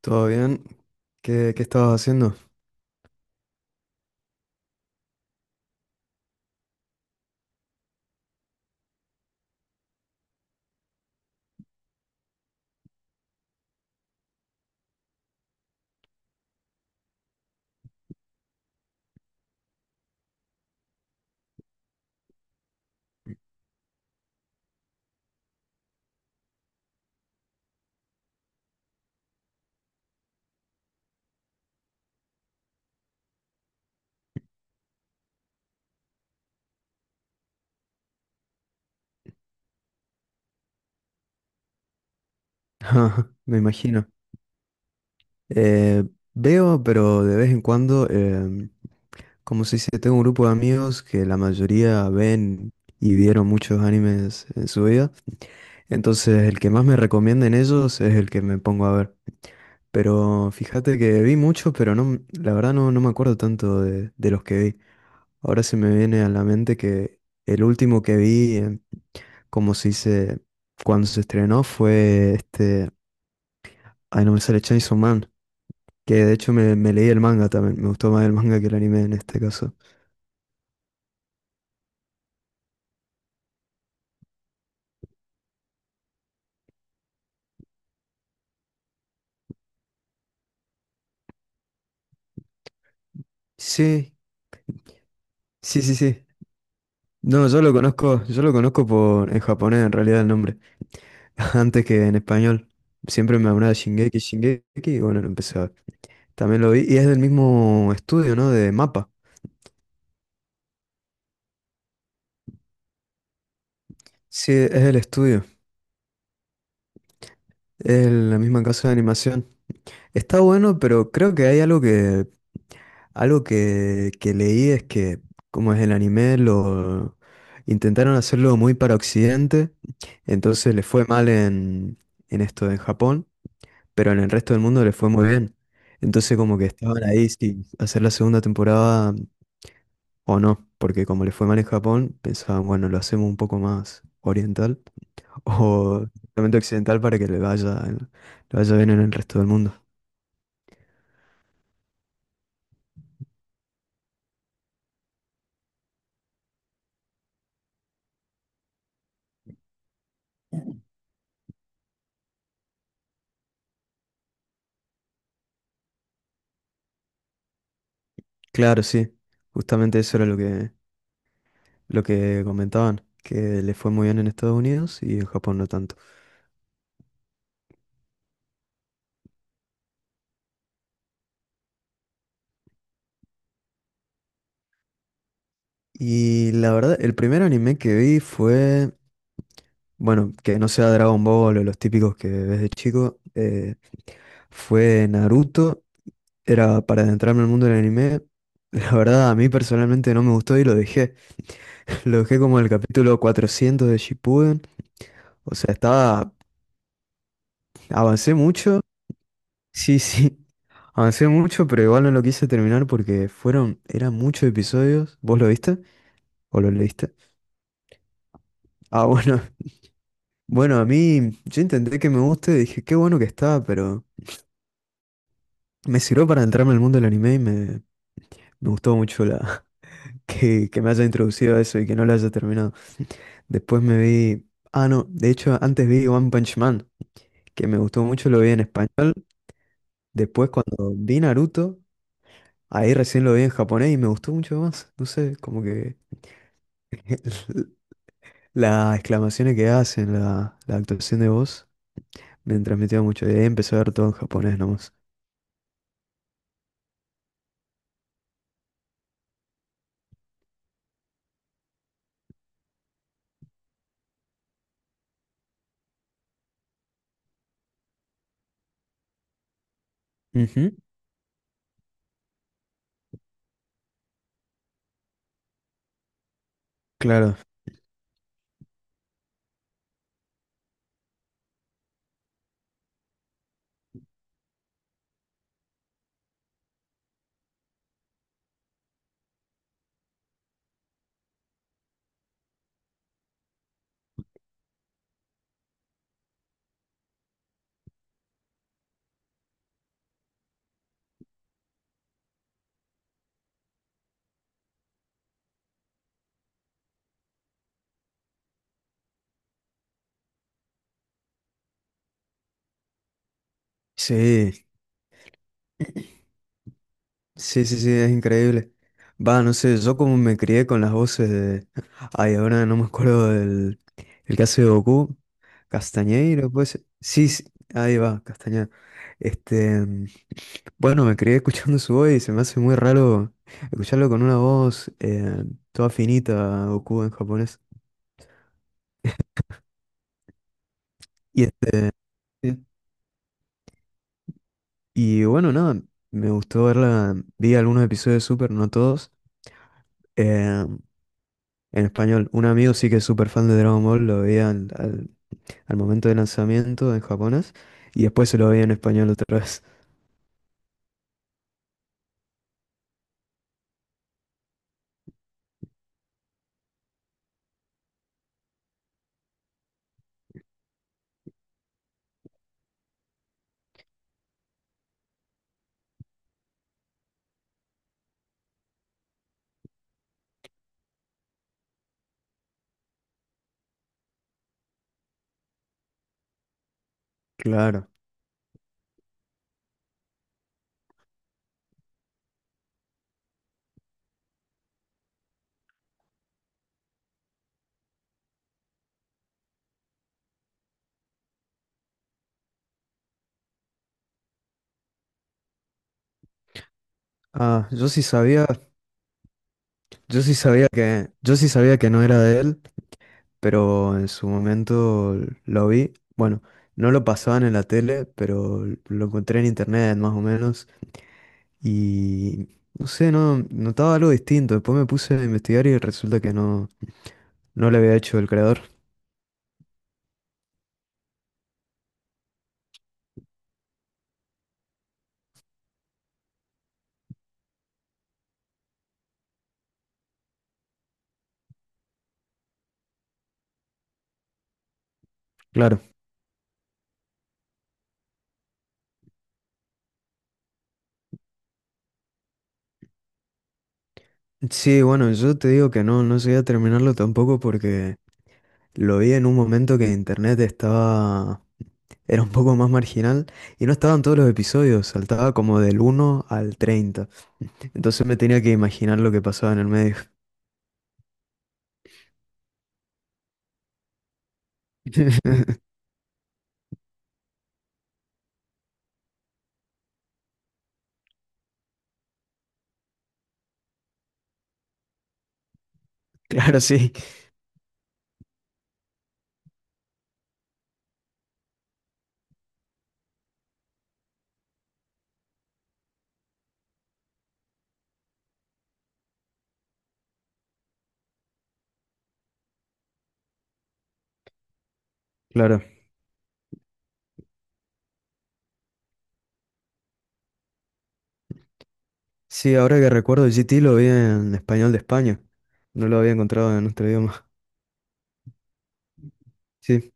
¿Todo bien? ¿Qué estabas haciendo? Me imagino. Eh, Veo, pero de vez en cuando, como si se tengo un grupo de amigos que la mayoría ven y vieron muchos animes en su vida. Entonces, el que más me recomienda en ellos es el que me pongo a ver. Pero fíjate que vi muchos, pero no, la verdad no me acuerdo tanto de los que vi. Ahora se me viene a la mente que el último que vi, como si se, dice, cuando se estrenó, fue este. Ay, no me sale Chainsaw Man. Que de hecho me leí el manga también. Me gustó más el manga que el anime en este caso. Sí, sí, sí, sí. No, yo lo conozco por, en japonés en realidad el nombre. Antes que en español. Siempre me hablaba de Shingeki, Shingeki, y bueno, lo empecé a ver. También lo vi. Y es del mismo estudio, ¿no? De Mapa. Sí, es el estudio. Es la misma casa de animación. Está bueno, pero creo que hay algo que, que leí es que, como es el anime, lo intentaron hacerlo muy para Occidente, entonces le fue mal en esto en Japón, pero en el resto del mundo le fue muy bien. Entonces como que estaban ahí si hacer la segunda temporada o no, porque como le fue mal en Japón, pensaban, bueno, lo hacemos un poco más oriental o realmente occidental para que le vaya bien en el resto del mundo. Claro, sí. Justamente eso era lo que comentaban, que le fue muy bien en Estados Unidos y en Japón no tanto. Y la verdad, el primer anime que vi fue, bueno, que no sea Dragon Ball o los típicos que ves de chico, fue Naruto. Era para adentrarme al mundo del anime. La verdad, a mí personalmente no me gustó y lo dejé. Lo dejé como en el capítulo 400 de Shippuden. O sea, estaba, avancé mucho. Sí, sí. Avancé mucho, pero igual no lo quise terminar porque fueron, eran muchos episodios. ¿Vos lo viste? ¿O lo leíste? Ah, bueno. Bueno, a mí, yo intenté que me guste, dije, qué bueno que está, pero me sirvió para entrarme al mundo del anime y me gustó mucho la, que me haya introducido a eso y que no lo haya terminado. Después me vi, ah, no, de hecho antes vi One Punch Man, que me gustó mucho, lo vi en español. Después cuando vi Naruto, ahí recién lo vi en japonés y me gustó mucho más. No sé, como que… Las exclamaciones que hacen, la actuación de voz, me transmitía mucho. Y ahí empecé a ver todo en japonés nomás. Ujú. Claro. Sí, sí, sí, sí, es increíble. Va, no sé, yo como me crié con las voces de… Ay, ahora no me acuerdo del… El caso de Goku. Castañeiro, pues… Sí, sí, ahí va, Castañeda. Este… bueno, me crié escuchando su voz y se me hace muy raro escucharlo con una voz toda finita, Goku en japonés. Y este, y bueno, nada, me gustó verla. Vi algunos episodios de Super, no todos. eh, en español, un amigo sí que es súper fan de Dragon Ball, lo veía al momento del lanzamiento en japonés y después se lo veía en español otra vez. Claro. Ah, yo sí sabía, yo sí sabía que no era de él, pero en su momento lo vi. Bueno, no lo pasaban en la tele, pero lo encontré en internet más o menos. Y no sé, no notaba algo distinto. Después me puse a investigar y resulta que no, no lo había hecho el creador. Claro. Sí, bueno, yo te digo que no, no llegué a terminarlo tampoco porque lo vi en un momento que internet estaba, era un poco más marginal y no estaban todos los episodios, saltaba como del 1 al 30. Entonces me tenía que imaginar lo que pasaba en el medio. Claro, sí, claro. Sí, ahora que recuerdo, GT lo vi en español de España. No lo había encontrado en nuestro idioma. Sí.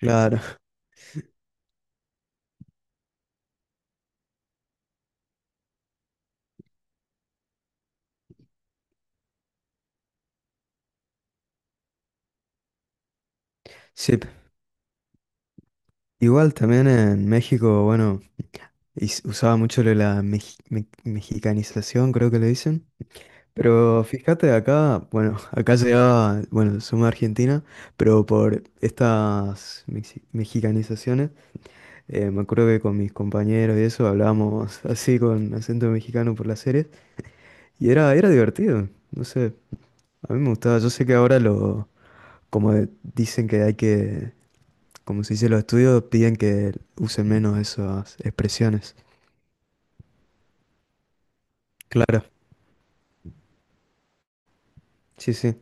Claro, sí. Igual también en México, bueno, usaba mucho lo de la mexicanización, creo que le dicen. Pero fíjate acá, bueno, acá llegaba, bueno, somos de Argentina, pero por estas mexicanizaciones, me acuerdo que con mis compañeros y eso hablábamos así con acento mexicano por las series y era, era divertido, no sé, a mí me gustaba, yo sé que ahora lo, como dicen que hay que como se dice, los estudios piden que use menos esas expresiones. Claro. Sí, sí.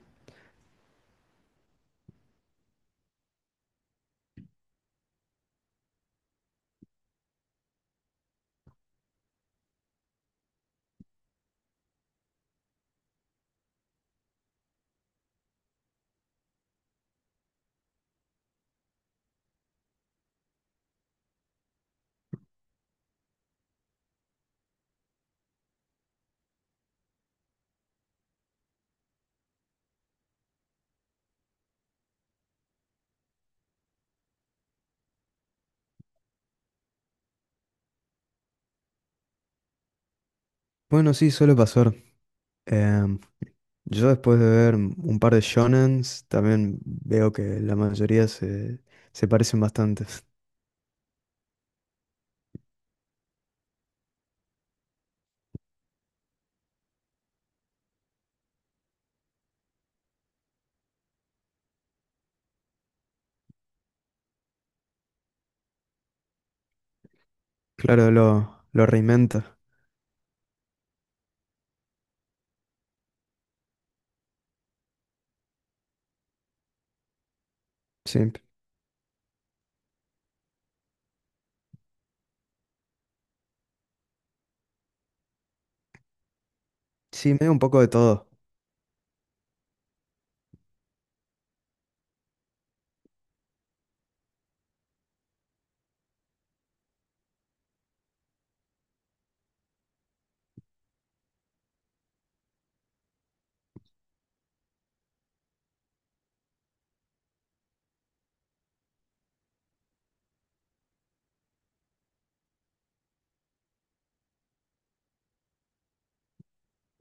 Bueno, sí, suele pasar. Em, yo después de ver un par de shonens, también veo que la mayoría se, se parecen bastante. Claro, lo reinventa. Sí, sí, medio un poco de todo.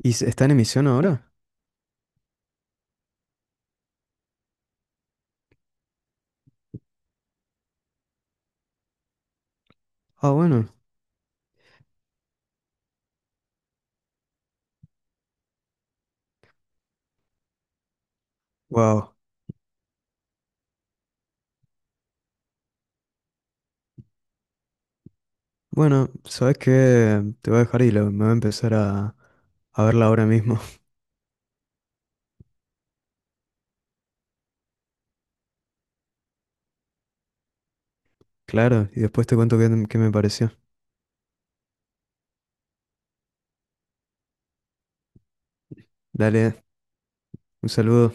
¿Y está en emisión ahora? Ah, bueno. Wow. Bueno, ¿sabes qué? Te voy a dejar y me voy a empezar a verla ahora mismo. Claro, y después te cuento qué me pareció. Dale, un saludo.